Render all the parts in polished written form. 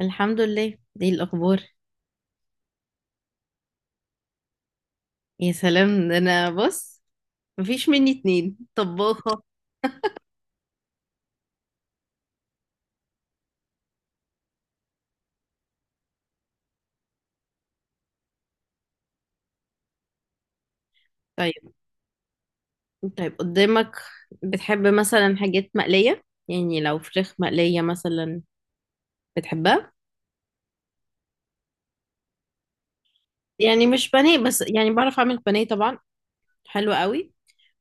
الحمد لله دي الأخبار. يا سلام، ده أنا بص. مفيش مني اتنين طباخة. طيب. طيب، قدامك بتحب مثلا حاجات مقلية؟ يعني لو فراخ مقلية مثلا بتحبها؟ يعني مش بانيه بس، يعني بعرف أعمل بانيه طبعا. حلو قوي.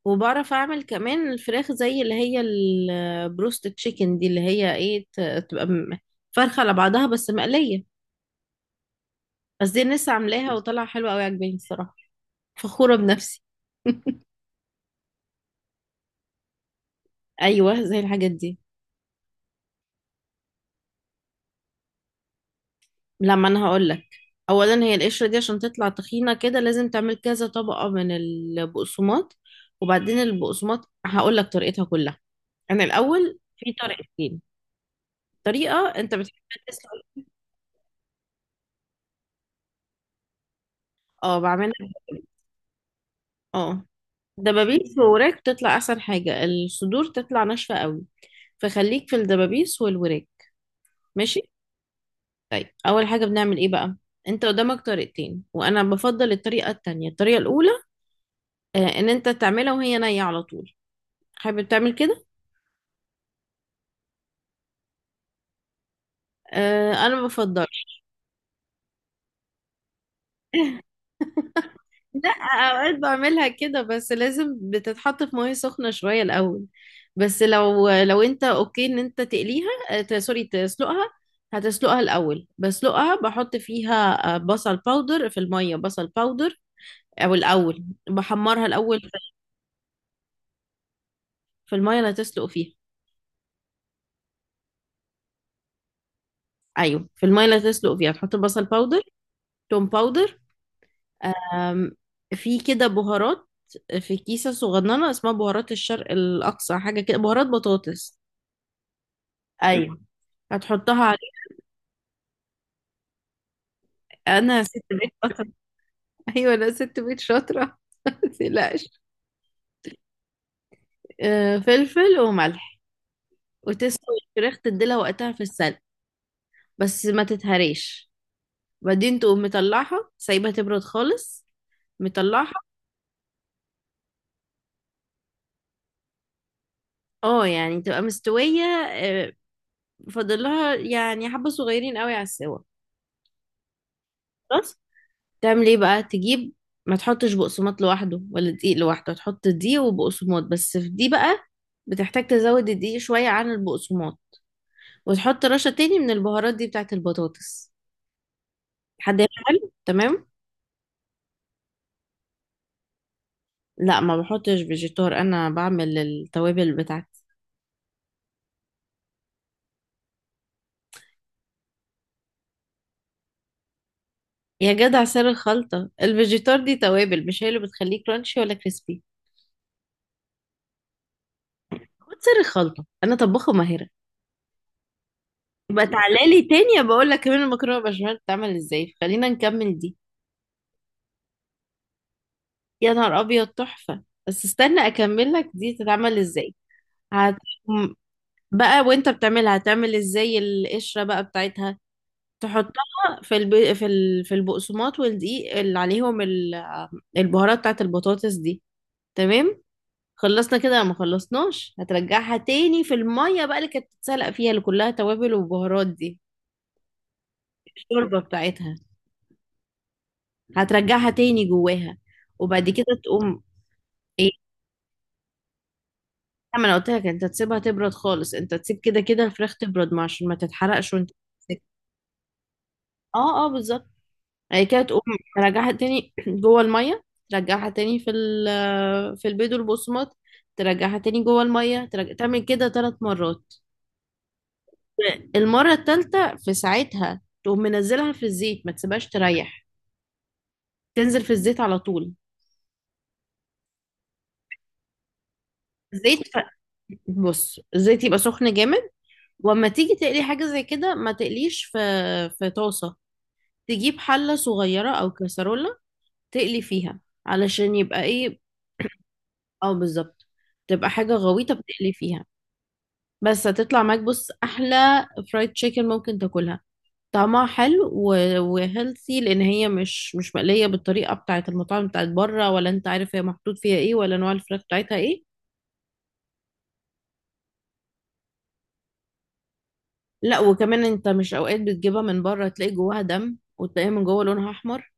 وبعرف أعمل كمان الفراخ زي اللي هي البروست تشيكن دي، اللي هي ايه فرخة على بعضها بس مقلية. بس دي الناس عاملاها وطلع حلوة قوي، عجباني الصراحة. فخورة بنفسي. ايوه، زي الحاجات دي. لما انا هقول لك. اولا، هي القشره دي عشان تطلع تخينه كده لازم تعمل كذا طبقه من البقسماط. وبعدين البقسماط هقول لك طريقتها كلها. انا الاول في طريقتين. طريقه انت بتحب. تسلق. اه بعملها. اه، دبابيس ووراك تطلع احسن حاجه، الصدور تطلع ناشفه قوي. فخليك في الدبابيس والوراك. ماشي. طيب، اول حاجه بنعمل ايه بقى؟ انت قدامك طريقتين، وانا بفضل الطريقه التانية. الطريقه الاولى ان انت تعملها وهي نية على طول. حابب تعمل كده؟ انا ما بفضلش. لا، اوقات بعملها كده، بس لازم بتتحط في مية سخنة شوية الاول. بس لو انت اوكي ان انت تقليها، سوري، تسلقها. هتسلقها الاول، بسلقها بحط فيها بصل باودر في المية، بصل باودر. او الاول بحمرها الاول. في المية اللي هتسلق فيها. ايوه، في المية اللي هتسلق فيها تحط بصل باودر، توم باودر. أم، في كده بهارات، في كيسة صغننة اسمها بهارات الشرق الأقصى، حاجة كده بهارات بطاطس. أيوة، هتحطها عليه. أنا ست بيت شاطرة. أيوة، أنا ست بيت شاطرة متقلقش. فلفل وملح. وتسوي الفراخ تديلها وقتها في السلق، بس ما تتهريش. بعدين تقوم مطلعها سايبها تبرد خالص. مطلعها. اه، يعني تبقى مستوية. أه، فاضل لها يعني حبة صغيرين قوي على السوا. خلاص. تعمل ايه بقى؟ تجيب. ما تحطش بقسماط لوحده ولا دقيق لوحده، تحط دي وبقسماط. بس في دي بقى بتحتاج تزود الدقيق شوية عن البقسماط. وتحط رشة تاني من البهارات دي بتاعت البطاطس. حد هنا حلو تمام. لا، ما بحطش فيجيتار، انا بعمل التوابل بتاعتي. يا جدع سر الخلطة! الفيجيتار دي توابل، مش هي اللي بتخليه كرانشي ولا كريسبي. خد سر الخلطة، انا طباخة ماهرة. يبقى تعالى لي تاني بقول لك كمان المكرونة بشاميل بتتعمل ازاي. خلينا نكمل دي. يا نهار ابيض، تحفه. بس استنى اكمل لك دي تتعمل ازاي. هت... بقى وانت بتعملها هتعمل ازاي القشره بقى بتاعتها؟ تحطها في البقسماط والدقيق اللي عليهم البهارات بتاعت البطاطس دي. تمام. خلصنا كده ما خلصناش؟ هترجعها تاني في الميه بقى اللي كانت بتتسلق فيها، اللي كلها توابل وبهارات دي. الشوربه بتاعتها، هترجعها تاني جواها. وبعد كده تقوم ايه، لا، ما انا قلت لك انت تسيبها تبرد خالص. انت تسيب كده كده الفراخ تبرد، ما عشان ما تتحرقش وانت بتمسك. اه اه، بالظبط. هي كده تقوم ترجعها تاني جوه الميه. ترجعها تاني في ال في البيض والبقسماط. ترجعها تاني جوه الميه. تعمل كده 3 مرات. المره الثالثه في ساعتها تقوم منزلها في الزيت، ما تسيبهاش تريح. تنزل في الزيت على طول. الزيت ف... بص، الزيت يبقى سخن جامد. واما تيجي تقلي حاجه زي كده ما تقليش في في طاسه. تجيب حلة صغيرة أو كسرولة، تقلي فيها. علشان يبقى إيه؟ أو بالظبط، تبقى حاجة غويطة بتقلي فيها. بس هتطلع معاك، بص، أحلى فرايد تشيكن ممكن تاكلها. طعمها حلو وهيلثي، لأن هي مش مقلية بالطريقة بتاعة المطاعم بتاعة بره، ولا أنت عارف هي محطوط فيها إيه ولا نوع الفراخ بتاعتها إيه. لا، وكمان أنت مش أوقات بتجيبها من بره تلاقي جواها دم، وتلاقيها من جوه لونها أحمر.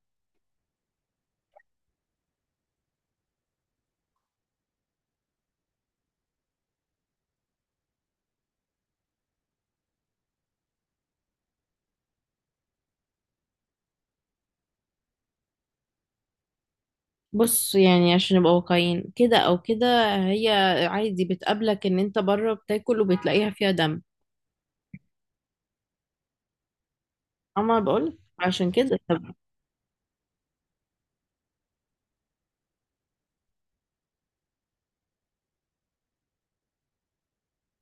بص، يعني عشان نبقى واقعيين كده او كده، هي عادي بتقابلك ان انت بره بتاكل وبتلاقيها فيها دم. اما بقول عشان كده، طب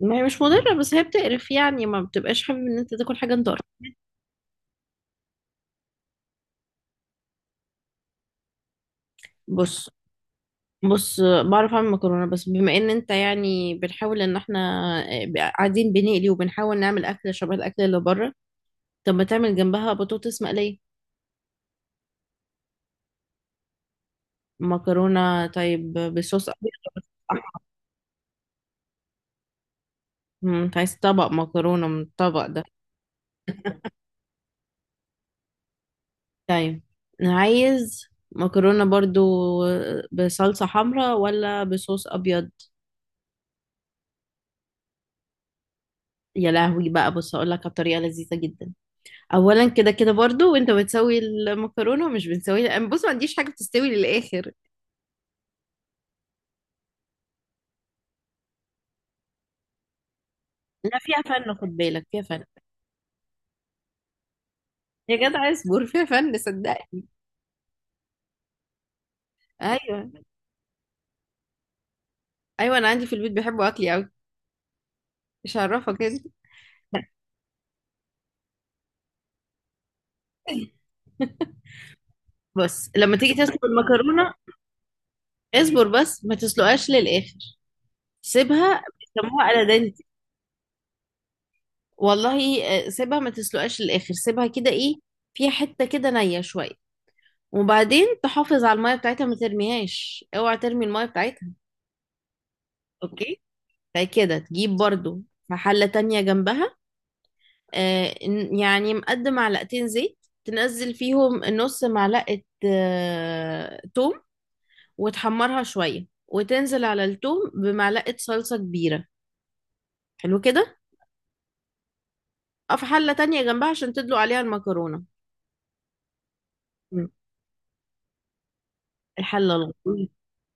ما هي مش مضره، بس هي بتقرف. يعني ما بتبقاش حابب ان انت تاكل حاجه انت قرف. بص بص بعرف اعمل مكرونه، بس بما ان انت يعني بنحاول ان احنا قاعدين بنقلي وبنحاول نعمل اكل شبه الاكل اللي بره. طب ما تعمل جنبها بطاطس مقليه. مكرونه، طيب بصوص ابيض أو بصوص أحمر؟ انت عايز طبق مكرونه من الطبق ده؟ طيب. عايز. مكرونة برضو، بصلصة حمراء ولا بصوص أبيض؟ يا لهوي بقى، بص أقول لك على طريقة لذيذة جدا. أولا كده كده برضو، وأنت بتسوي المكرونة مش بتسوي. أنا بص ما عنديش حاجة بتستوي للآخر. لا، فيها فن، خد بالك فيها فن. يا جدع اصبر، فيها فن صدقني. أيوه. أيوه، أنا عندي في البيت بيحبوا أكلي أوي، مش هعرفك كده. بص لما تيجي تسلق المكرونة، اصبر بس ما تسلقهاش للآخر. سيبها بيسموها على. والله سيبها ما تسلقهاش للاخر. سيبها كده ايه، فيها حته كده نيه شويه. وبعدين تحافظ على الميه بتاعتها، ما ترميهاش، اوعى ترمي الميه بتاعتها. اوكي. بعد كده تجيب برضو في حله تانية جنبها، يعني مقدم معلقتين زيت. تنزل فيهم نص معلقه توم، وتحمرها شويه، وتنزل على التوم بمعلقه صلصه كبيره. حلو كده. أو في حله تانية جنبها عشان تدلق عليها المكرونه. مم. الحله الغلط.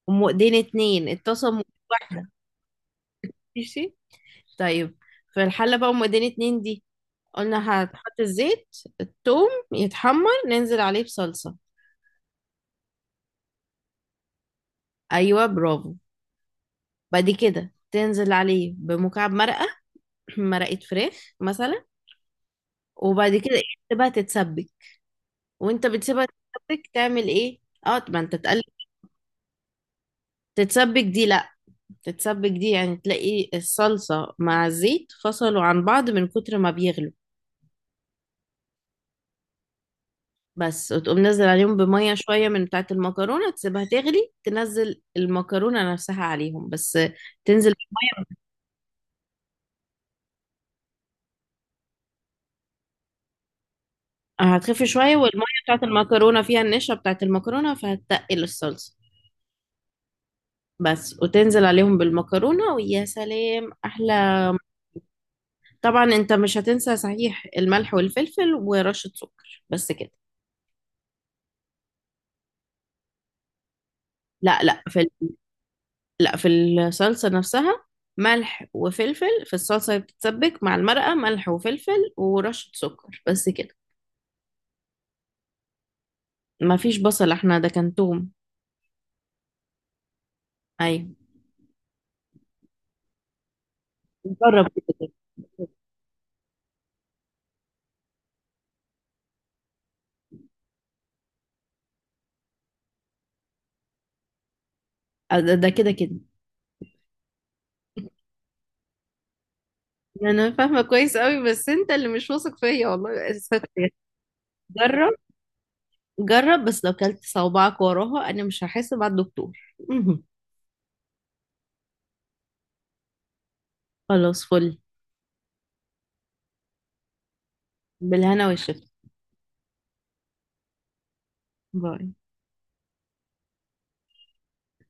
ايدين اتنين اتصلوا واحدة. ماشي، طيب. في الحلة بقى ايدين اتنين دي، قلنا هتحط الزيت. التوم يتحمر، ننزل عليه بصلصة. ايوه برافو. بعد كده تنزل عليه بمكعب مرقة مرقة فراخ مثلا. وبعد كده ايه؟ تسيبها تتسبك. وانت بتسيبها تتسبك تعمل ايه؟ اه، ما انت تقلب. تتسبك دي، لا. تتسبك دي يعني تلاقي الصلصة مع الزيت فصلوا عن بعض من كتر ما بيغلي. بس، وتقوم نزل عليهم بمية شوية من بتاعة المكرونة، تسيبها تغلي، تنزل المكرونة نفسها عليهم. بس تنزل، هتخف شوية، والمية بتاعة المكرونة فيها النشا بتاعة المكرونة، فهتتقل الصلصة. بس وتنزل عليهم بالمكرونة، ويا سلام أحلى. طبعا أنت مش هتنسى صحيح، الملح والفلفل ورشة سكر، بس كده. لا لا لا في الصلصة نفسها. ملح وفلفل في الصلصة اللي بتتسبك مع المرقة، ملح وفلفل ورشة سكر، بس كده. ما فيش بصل، احنا ده كان توم. ايوه. جرب كده كده. ده كده كده. انا فاهمه كويس قوي، بس انت اللي مش واثق فيا، والله اسفك. جرب. جرب بس، لو كلت صوابعك وراها انا مش هحاسب على الدكتور. مهم. خلاص، فل. بالهنا والشفا. باي.